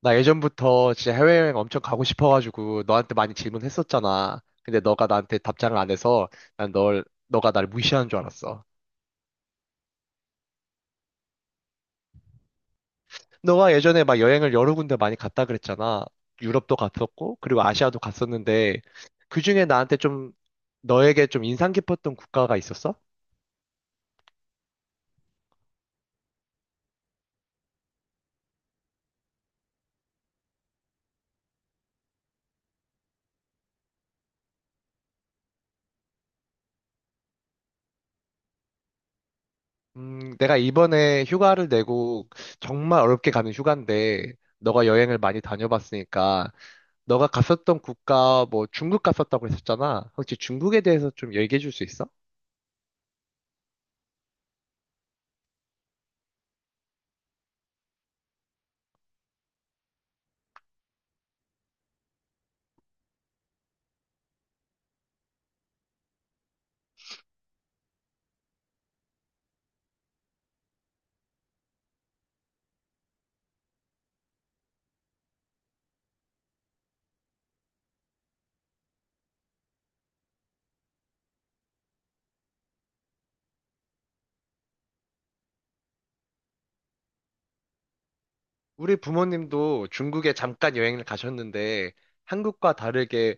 나 예전부터 진짜 해외여행 엄청 가고 싶어가지고 너한테 많이 질문했었잖아. 근데 너가 나한테 답장을 안 해서 난 널, 너가 날 무시하는 줄 알았어. 너가 예전에 막 여행을 여러 군데 많이 갔다 그랬잖아. 유럽도 갔었고, 그리고 아시아도 갔었는데, 그중에 나한테 좀, 너에게 좀 인상 깊었던 국가가 있었어? 내가 이번에 휴가를 내고 정말 어렵게 가는 휴가인데, 너가 여행을 많이 다녀봤으니까 너가 갔었던 국가, 뭐 중국 갔었다고 했었잖아. 혹시 중국에 대해서 좀 얘기해 줄 수 있어? 우리 부모님도 중국에 잠깐 여행을 가셨는데 한국과 다르게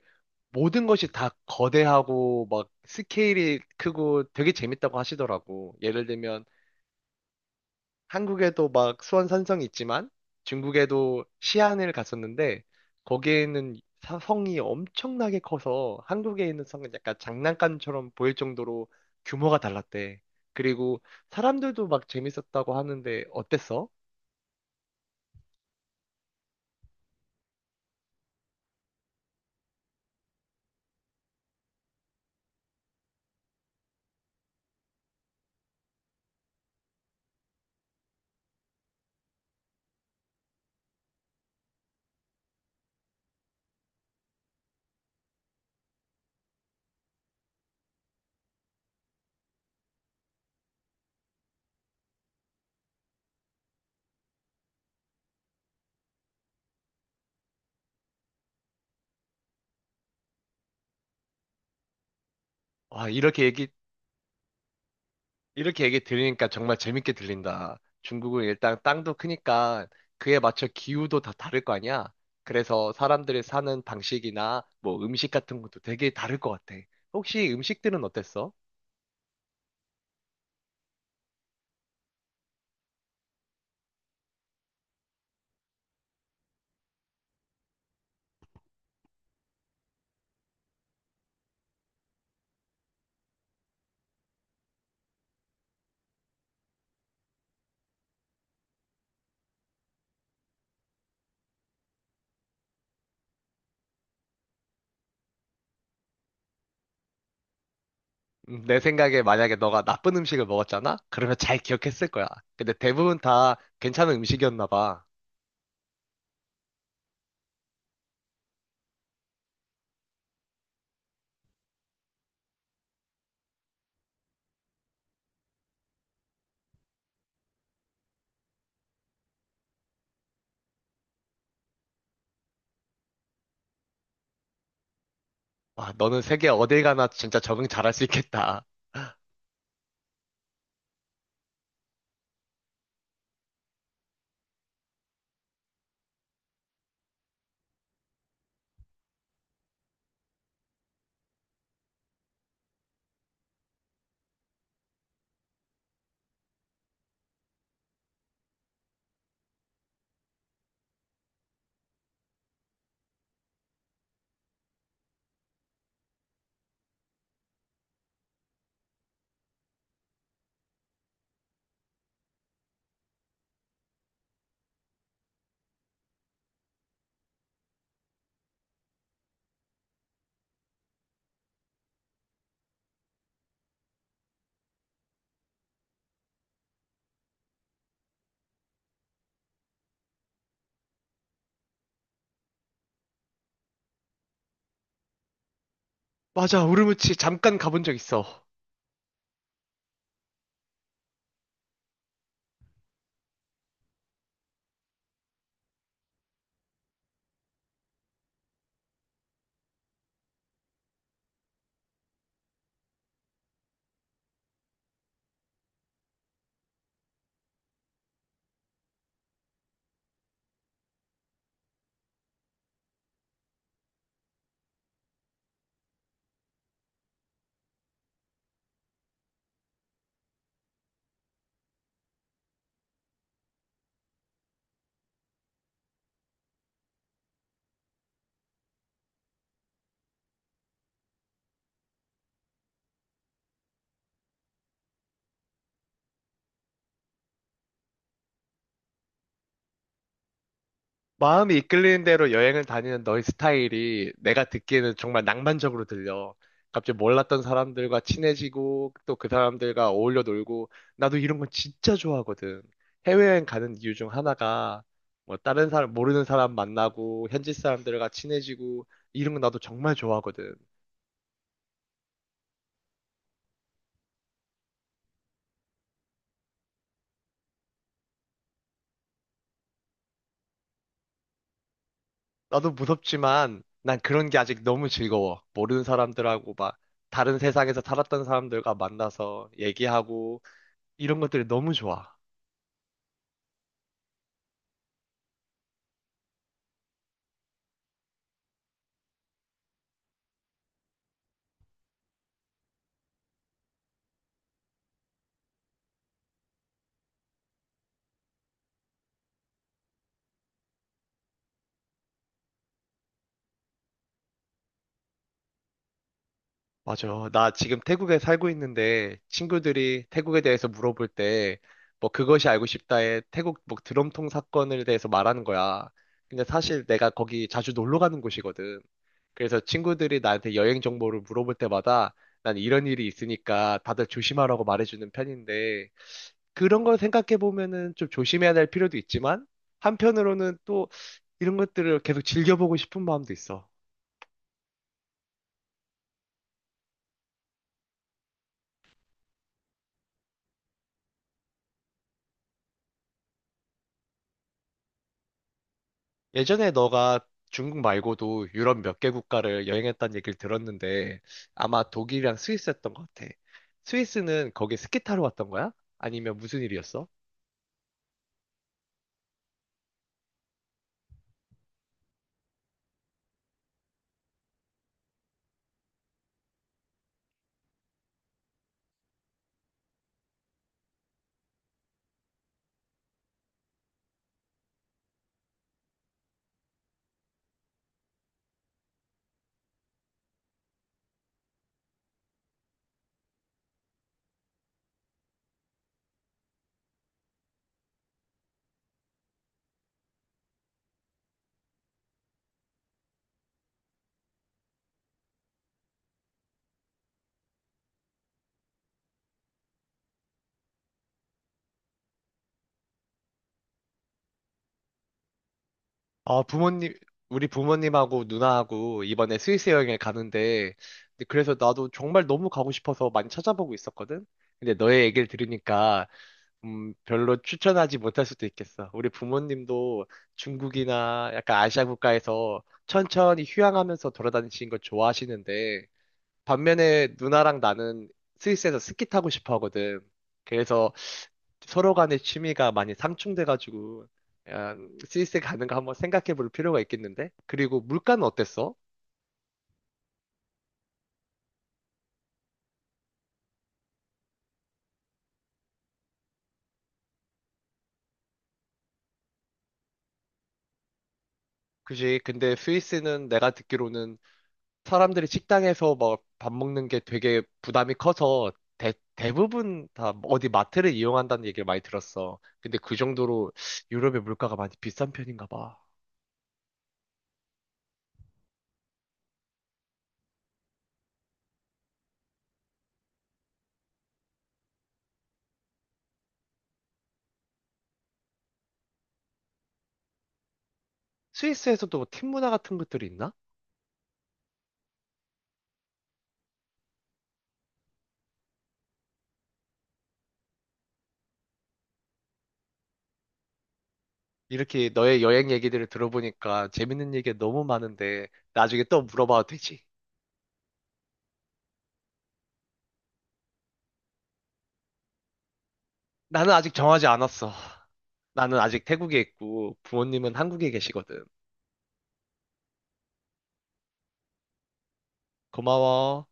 모든 것이 다 거대하고 막 스케일이 크고 되게 재밌다고 하시더라고. 예를 들면 한국에도 막 수원 산성이 있지만 중국에도 시안을 갔었는데 거기에 있는 성이 엄청나게 커서 한국에 있는 성은 약간 장난감처럼 보일 정도로 규모가 달랐대. 그리고 사람들도 막 재밌었다고 하는데 어땠어? 아, 이렇게 얘기 들으니까 정말 재밌게 들린다. 중국은 일단 땅도 크니까 그에 맞춰 기후도 다 다를 거 아니야? 그래서 사람들이 사는 방식이나 뭐 음식 같은 것도 되게 다를 것 같아. 혹시 음식들은 어땠어? 내 생각에 만약에 너가 나쁜 음식을 먹었잖아? 그러면 잘 기억했을 거야. 근데 대부분 다 괜찮은 음식이었나 봐. 와, 너는 세계 어딜 가나 진짜 적응 잘할 수 있겠다. 맞아, 우르무치 잠깐 가본 적 있어. 마음이 이끌리는 대로 여행을 다니는 너의 스타일이 내가 듣기에는 정말 낭만적으로 들려. 갑자기 몰랐던 사람들과 친해지고 또 그 사람들과 어울려 놀고 나도 이런 건 진짜 좋아하거든. 해외여행 가는 이유 중 하나가 뭐 다른 사람 모르는 사람 만나고 현지 사람들과 친해지고 이런 거 나도 정말 좋아하거든. 나도 무섭지만 난 그런 게 아직 너무 즐거워. 모르는 사람들하고 막 다른 세상에서 살았던 사람들과 만나서 얘기하고 이런 것들이 너무 좋아. 맞아. 나 지금 태국에 살고 있는데 친구들이 태국에 대해서 물어볼 때 뭐 그것이 알고 싶다에 태국 뭐 드럼통 사건을 대해서 말하는 거야. 근데 사실 내가 거기 자주 놀러 가는 곳이거든. 그래서 친구들이 나한테 여행 정보를 물어볼 때마다 난 이런 일이 있으니까 다들 조심하라고 말해주는 편인데 그런 걸 생각해 보면은 좀 조심해야 될 필요도 있지만 한편으로는 또 이런 것들을 계속 즐겨보고 싶은 마음도 있어. 예전에 너가 중국 말고도 유럽 몇 개 국가를 여행했다는 얘기를 들었는데 아마 독일이랑 스위스였던 것 같아. 스위스는 거기 스키 타러 왔던 거야? 아니면 무슨 일이었어? 아, 부모님, 우리 부모님하고 누나하고 이번에 스위스 여행을 가는데 근데 그래서 나도 정말 너무 가고 싶어서 많이 찾아보고 있었거든? 근데 너의 얘기를 들으니까 별로 추천하지 못할 수도 있겠어. 우리 부모님도 중국이나 약간 아시아 국가에서 천천히 휴양하면서 돌아다니시는 걸 좋아하시는데, 반면에 누나랑 나는 스위스에서 스키 타고 싶어 하거든. 그래서 서로 간의 취미가 많이 상충돼가지고, 약간 스위스 가는 거 한번 생각해 볼 필요가 있겠는데? 그리고 물가는 어땠어? 그지? 근데 스위스는 내가 듣기로는 사람들이 식당에서 막 밥 먹는 게 되게 부담이 커서 대부분 다 어디 마트를 이용한다는 얘기를 많이 들었어. 근데 그 정도로 유럽의 물가가 많이 비싼 편인가 봐. 스위스에서도 뭐 팀 문화 같은 것들이 있나? 이렇게 너의 여행 얘기들을 들어보니까 재밌는 얘기가 너무 많은데 나중에 또 물어봐도 되지. 나는 아직 정하지 않았어. 나는 아직 태국에 있고 부모님은 한국에 계시거든. 고마워.